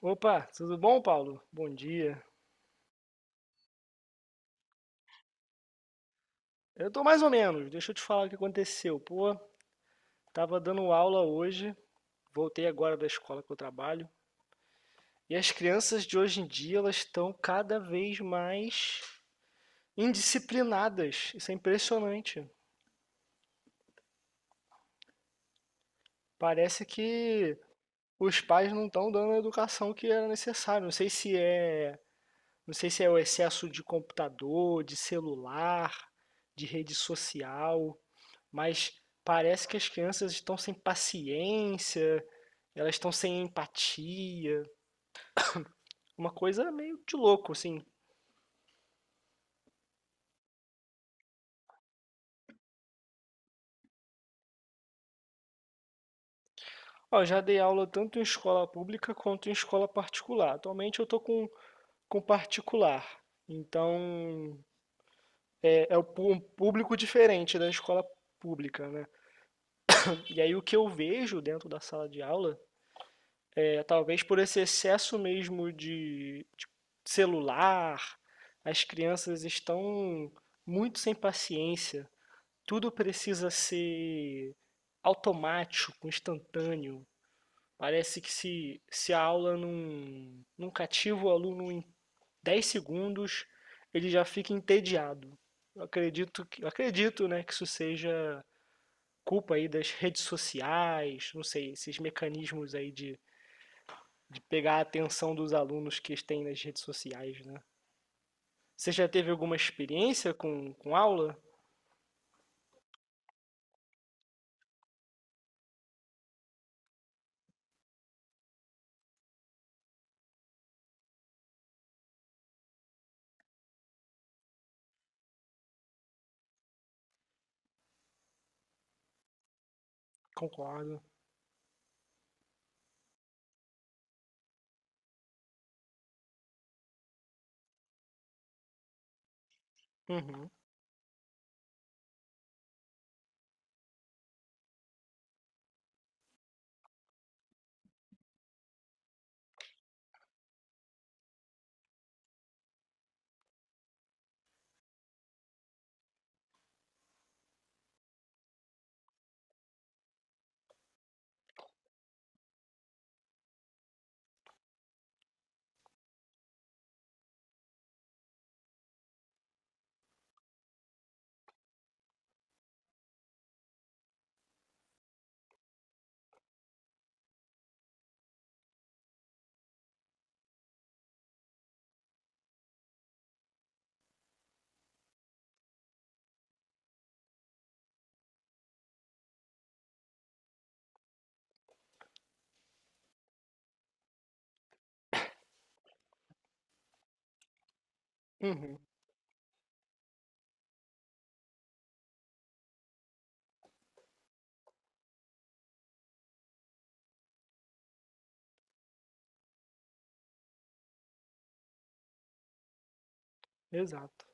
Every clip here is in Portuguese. Opa, tudo bom, Paulo? Bom dia. Eu tô mais ou menos, deixa eu te falar o que aconteceu. Pô, tava dando aula hoje, voltei agora da escola que eu trabalho, e as crianças de hoje em dia, elas estão cada vez mais indisciplinadas. Isso é impressionante. Parece que os pais não estão dando a educação que era necessária. Não sei se é o excesso de computador, de celular, de rede social. Mas parece que as crianças estão sem paciência, elas estão sem empatia, uma coisa meio de louco, assim. Ó, eu já dei aula tanto em escola pública quanto em escola particular. Atualmente eu tô com particular, então é, é o um público diferente da escola pública, né? E aí o que eu vejo dentro da sala de aula é talvez por esse excesso mesmo de celular, as crianças estão muito sem paciência. Tudo precisa ser automático, instantâneo. Parece que se a aula não cativa o aluno em 10 segundos, ele já fica entediado. Eu acredito que, eu acredito, né, que isso seja culpa aí das redes sociais, não sei, esses mecanismos aí de pegar a atenção dos alunos que têm nas redes sociais, né? Você já teve alguma experiência com aula? Concordo. Uhum, uhum, exato.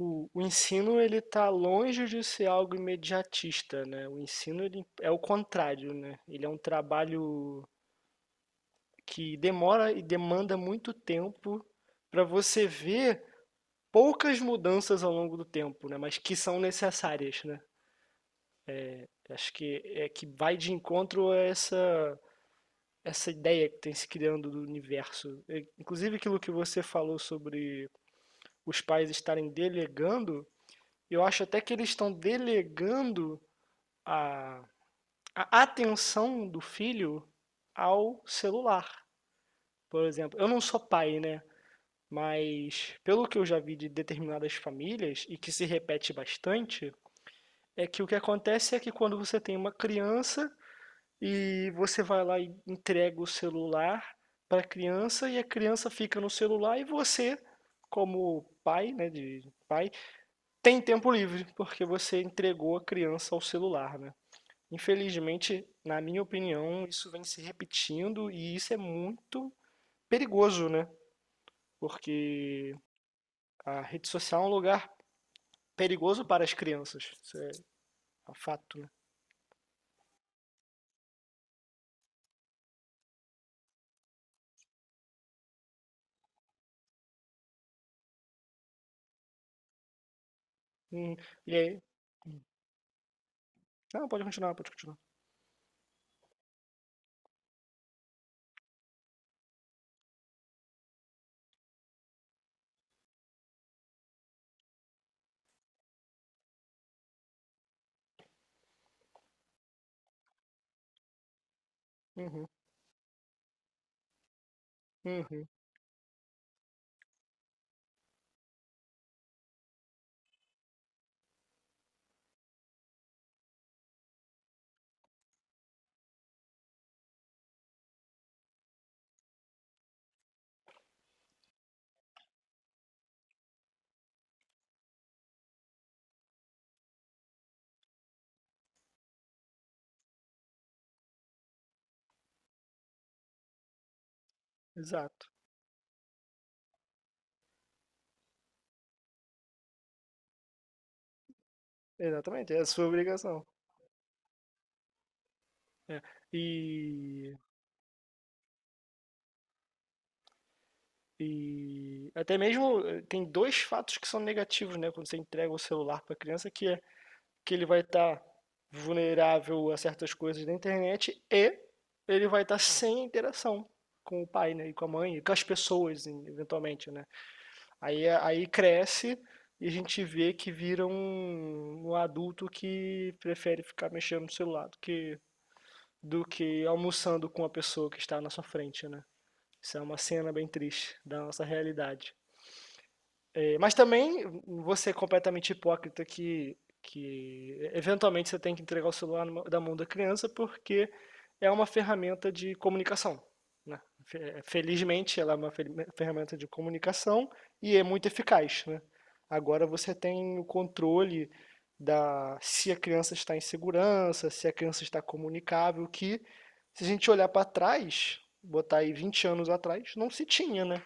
O ensino ele está longe de ser algo imediatista, né? O ensino ele é o contrário, né? Ele é um trabalho que demora e demanda muito tempo para você ver poucas mudanças ao longo do tempo, né? Mas que são necessárias, né? Acho que é que vai de encontro a essa ideia que tem se criando do universo. É, inclusive aquilo que você falou sobre os pais estarem delegando, eu acho até que eles estão delegando a a atenção do filho ao celular, por exemplo. Eu não sou pai, né? Mas pelo que eu já vi de determinadas famílias e que se repete bastante, é que o que acontece é que quando você tem uma criança e você vai lá e entrega o celular para a criança e a criança fica no celular e você, como pai, né, de pai, tem tempo livre porque você entregou a criança ao celular, né? Infelizmente, na minha opinião, isso vem se repetindo e isso é muito perigoso, né? Porque a rede social é um lugar perigoso para as crianças. Isso é um fato, né? Hum, e aí? Não, pode continuar, pode continuar. Uhum, uhum, exato. Exatamente, é a sua obrigação. É. E, e até mesmo tem dois fatos que são negativos, né? Quando você entrega o celular para a criança, que é que ele vai estar vulnerável a certas coisas da internet e ele vai estar sem interação com o pai, né, e com a mãe, e com as pessoas, eventualmente, né? Aí cresce e a gente vê que vira um adulto que prefere ficar mexendo no celular do que almoçando com a pessoa que está na sua frente, né? Isso é uma cena bem triste da nossa realidade. E- mas também você é completamente hipócrita que eventualmente você tem que entregar o celular numa- da mão da criança porque é uma ferramenta de comunicação, né? Felizmente ela é uma ferramenta de comunicação e é muito eficaz, né? Agora você tem o controle da se a criança está em segurança, se a criança está comunicável, que se a gente olhar para trás, botar aí 20 anos atrás, não se tinha, né?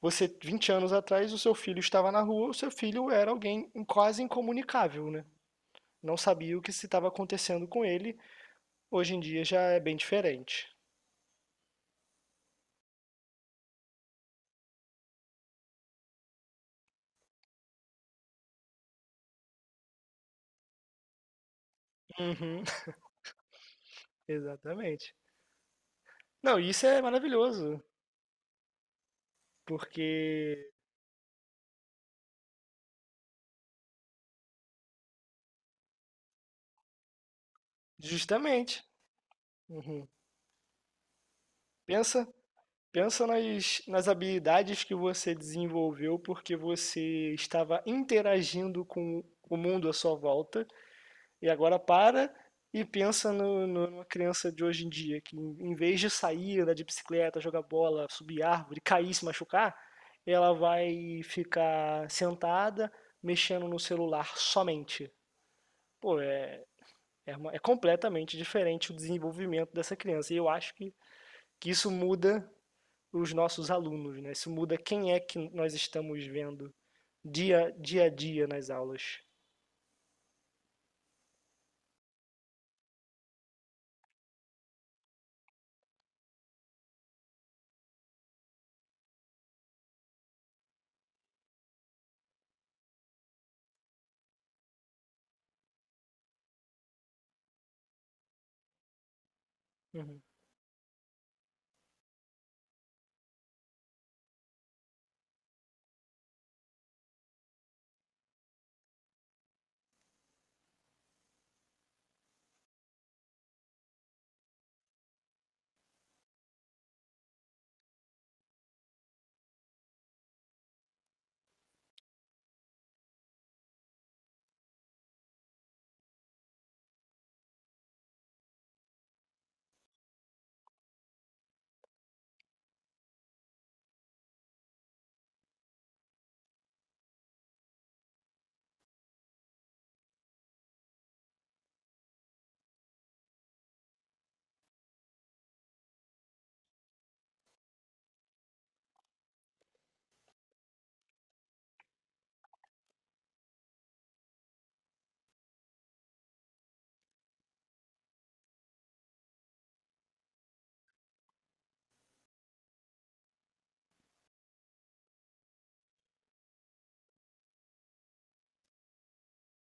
Você, 20 anos atrás, o seu filho estava na rua, o seu filho era alguém quase incomunicável, né? Não sabia o que se estava acontecendo com ele. Hoje em dia já é bem diferente. Uhum, exatamente. Não, isso é maravilhoso, porque justamente, uhum, pensa, pensa nas, nas habilidades que você desenvolveu porque você estava interagindo com o mundo à sua volta. E agora para e pensa numa criança de hoje em dia, que em vez de sair, andar de bicicleta, jogar bola, subir árvore, cair, se machucar, ela vai ficar sentada, mexendo no celular somente. Pô, é, é, uma- é completamente diferente o desenvolvimento dessa criança. E eu acho que isso muda os nossos alunos, né? Isso muda quem é que nós estamos vendo dia a dia nas aulas. Uhum,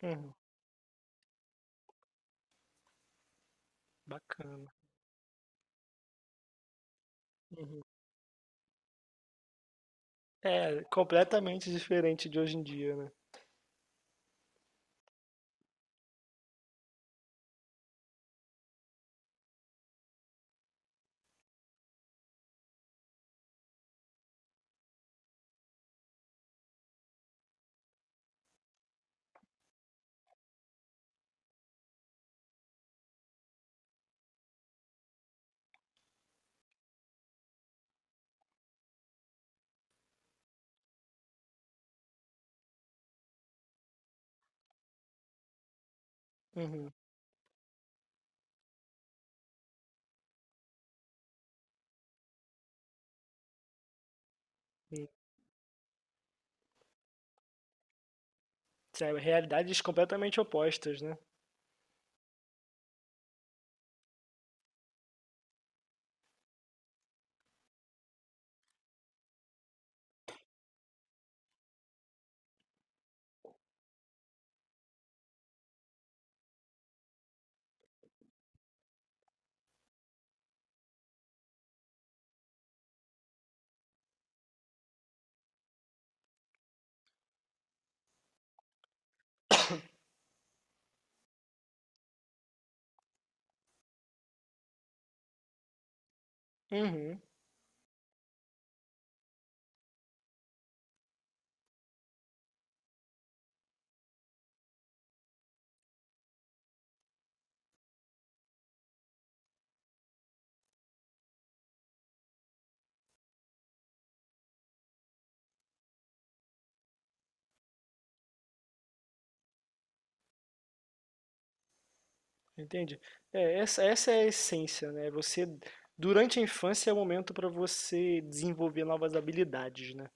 uhum, bacana. Uhum. É, completamente diferente de hoje em dia, né. Uhum, hum. Sabe, realidades completamente opostas, né. Uhum, entendi. É, essa é a essência, né, você durante a infância é o momento para você desenvolver novas habilidades, né.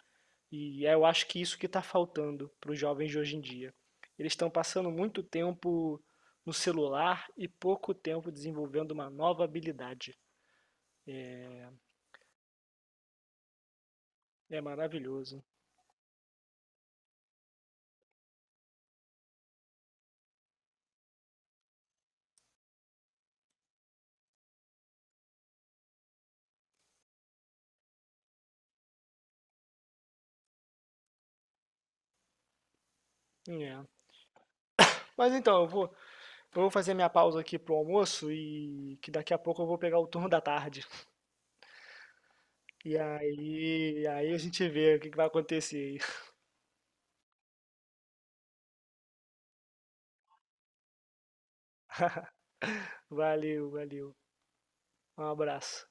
E é, eu acho que isso que está faltando para os jovens de hoje em dia. Eles estão passando muito tempo no celular e pouco tempo desenvolvendo uma nova habilidade. É maravilhoso. É. Mas então, eu vou fazer minha pausa aqui pro almoço e que daqui a pouco eu vou pegar o turno da tarde. E aí, aí a gente vê o que que vai acontecer. Valeu, valeu. Um abraço.